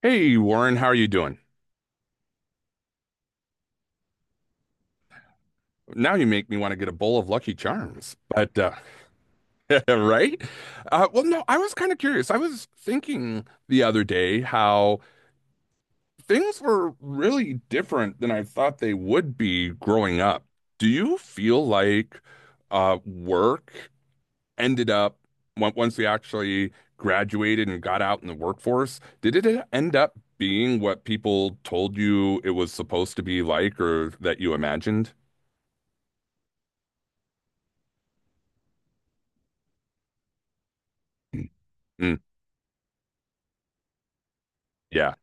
Hey Warren, how are you doing? Now you make me want to get a bowl of Lucky Charms. But right? Well, no, I was kind of curious. I was thinking the other day how things were really different than I thought they would be growing up. Do you feel like work ended up once we actually graduated and got out in the workforce, did it end up being what people told you it was supposed to be like or that you imagined? Mm. Yeah.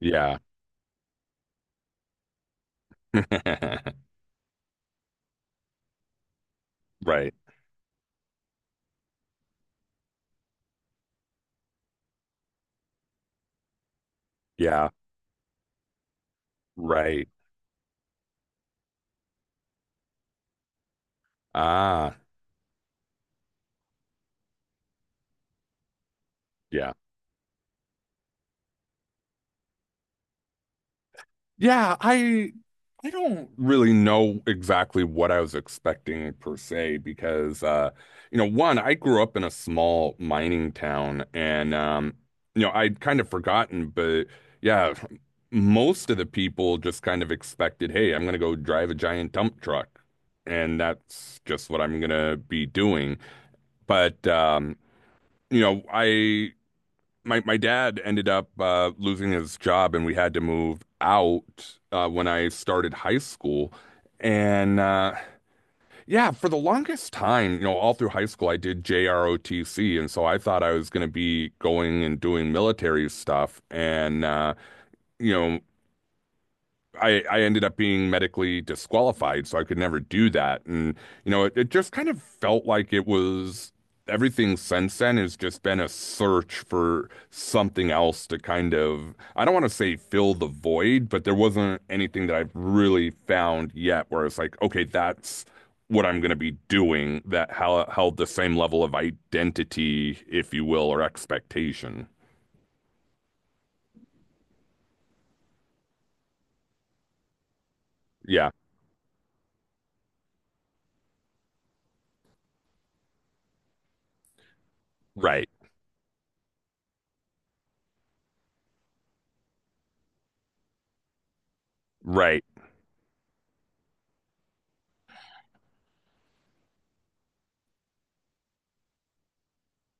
Yeah. Right. Yeah. Right. Ah, yeah. Yeah, I don't really know exactly what I was expecting per se, because one, I grew up in a small mining town, and I'd kind of forgotten. But yeah, most of the people just kind of expected, "Hey, I'm going to go drive a giant dump truck." And that's just what I'm going to be doing. But I, my dad ended up losing his job, and we had to move out when I started high school. And yeah, for the longest time, all through high school, I did JROTC, and so I thought I was going to be going and doing military stuff. And you know, I ended up being medically disqualified, so I could never do that. And, it just kind of felt like it was everything since then has just been a search for something else to kind of, I don't want to say fill the void, but there wasn't anything that I've really found yet where it's like, okay, that's what I'm going to be doing that held the same level of identity, if you will, or expectation. Yeah. Right. Right.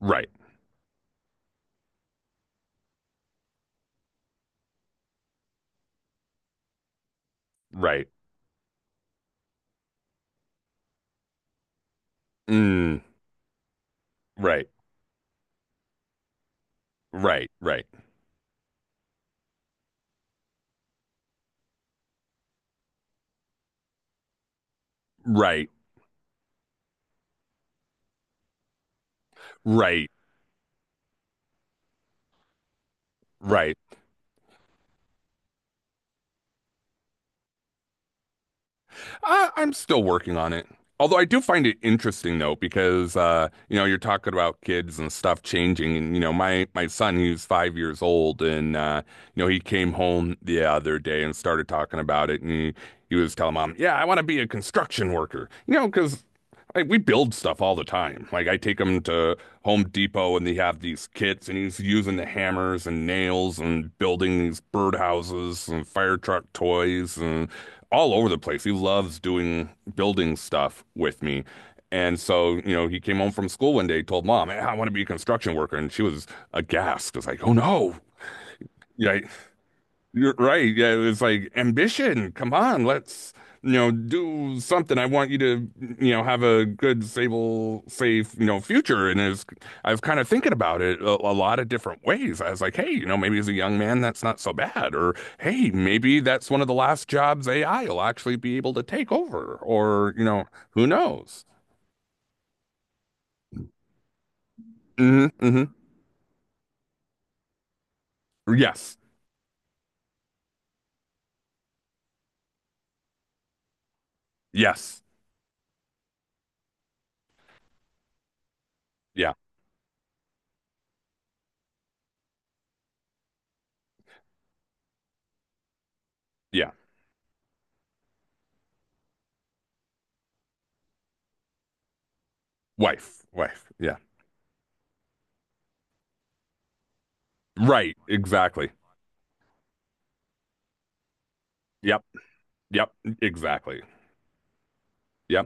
Right. Right. Mm, right. Right, right, right, right, right. I'm still working on it. Although I do find it interesting though, because you're talking about kids and stuff changing, and my son, he's 5 years old, and he came home the other day and started talking about it, and he was telling mom, "Yeah, I want to be a construction worker," because like, we build stuff all the time. Like I take him to Home Depot, and they have these kits, and he's using the hammers and nails and building these birdhouses and fire truck toys and all over the place. He loves doing building stuff with me. And so, he came home from school one day, told mom, "Eh, I want to be a construction worker." And she was aghast. It was like, oh no. Yeah, you're right. Yeah, it was like ambition. Come on, let's, do something. I want you to, have a good, stable, safe, future. And it's, I was kind of thinking about it a lot of different ways. I was like, hey, maybe as a young man, that's not so bad. Or hey, maybe that's one of the last jobs AI will actually be able to take over. Or, who knows? Hmm, hmm. Yes. Yes. Yeah. Yeah. Wife. Wife. Yeah. Right. Exactly. Yep. Yep. Exactly. Yeah.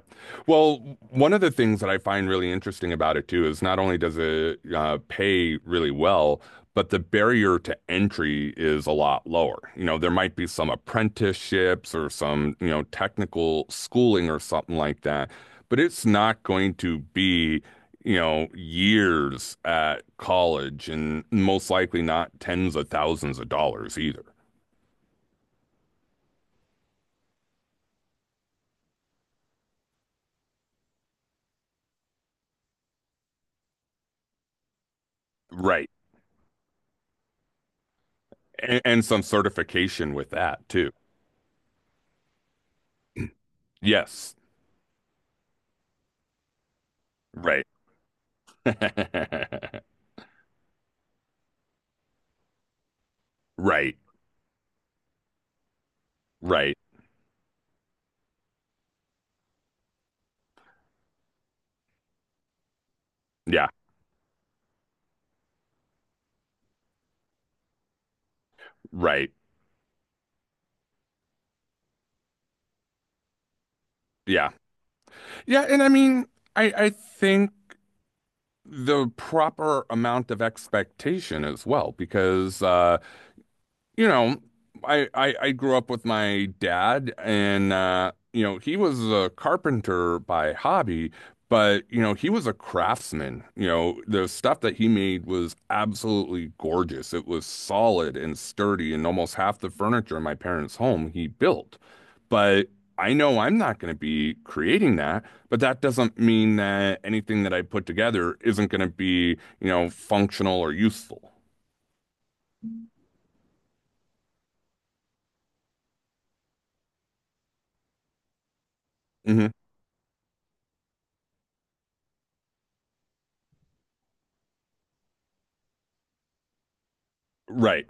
Well, one of the things that I find really interesting about it too is not only does it pay really well, but the barrier to entry is a lot lower. There might be some apprenticeships or some, technical schooling or something like that, but it's not going to be, years at college and most likely not tens of thousands of dollars either. Right. And some certification with that too. Yes. Right. Right, right. Yeah, right. Yeah. Yeah, and I mean, I think the proper amount of expectation as well, because you know, I grew up with my dad, and he was a carpenter by hobby, but he was a craftsman. The stuff that he made was absolutely gorgeous. It was solid and sturdy, and almost half the furniture in my parents' home he built. But I know I'm not going to be creating that, but that doesn't mean that anything that I put together isn't going to be, functional or useful. Hmm. Right,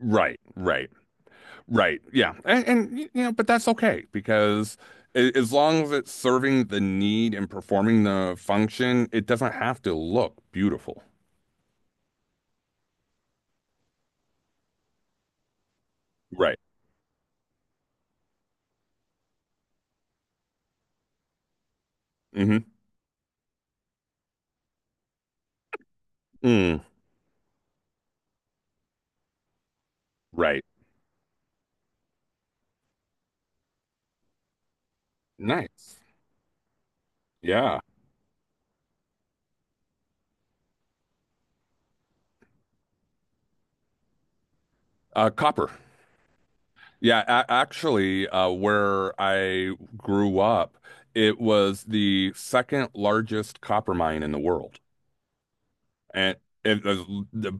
right, right. Right. Yeah. And but that's okay because as long as it's serving the need and performing the function, it doesn't have to look beautiful. Right. Hmm. Mm, right. Nice. Yeah. Copper. Yeah, a actually, where I grew up, it was the second largest copper mine in the world. And it was the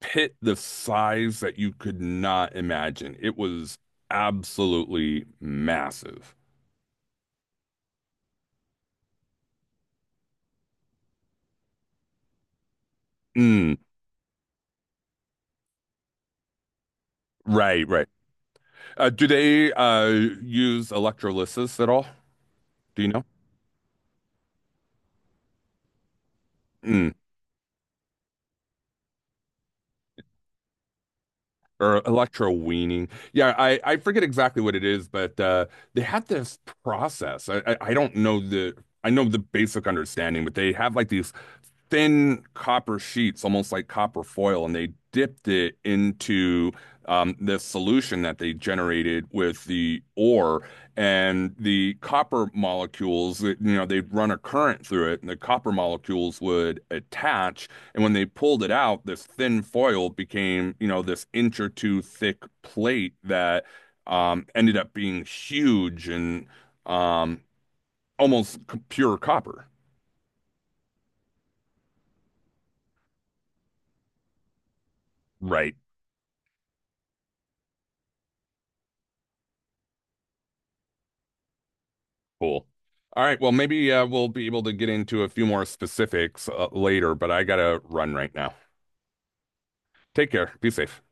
pit, the size that you could not imagine. It was absolutely massive. Mm, right, right. Do they use electrolysis at all? Do you know? Mm, or electroweaning? Yeah, I forget exactly what it is, but they had this process. I don't know the I know the basic understanding, but they have like these thin copper sheets, almost like copper foil, and they dipped it into this solution that they generated with the ore. And the copper molecules, they'd run a current through it, and the copper molecules would attach. And when they pulled it out, this thin foil became, this inch or two thick plate that ended up being huge and um, almost pure copper. Right. Cool. All right. Well, maybe we'll be able to get into a few more specifics later, but I gotta run right now. Take care. Be safe.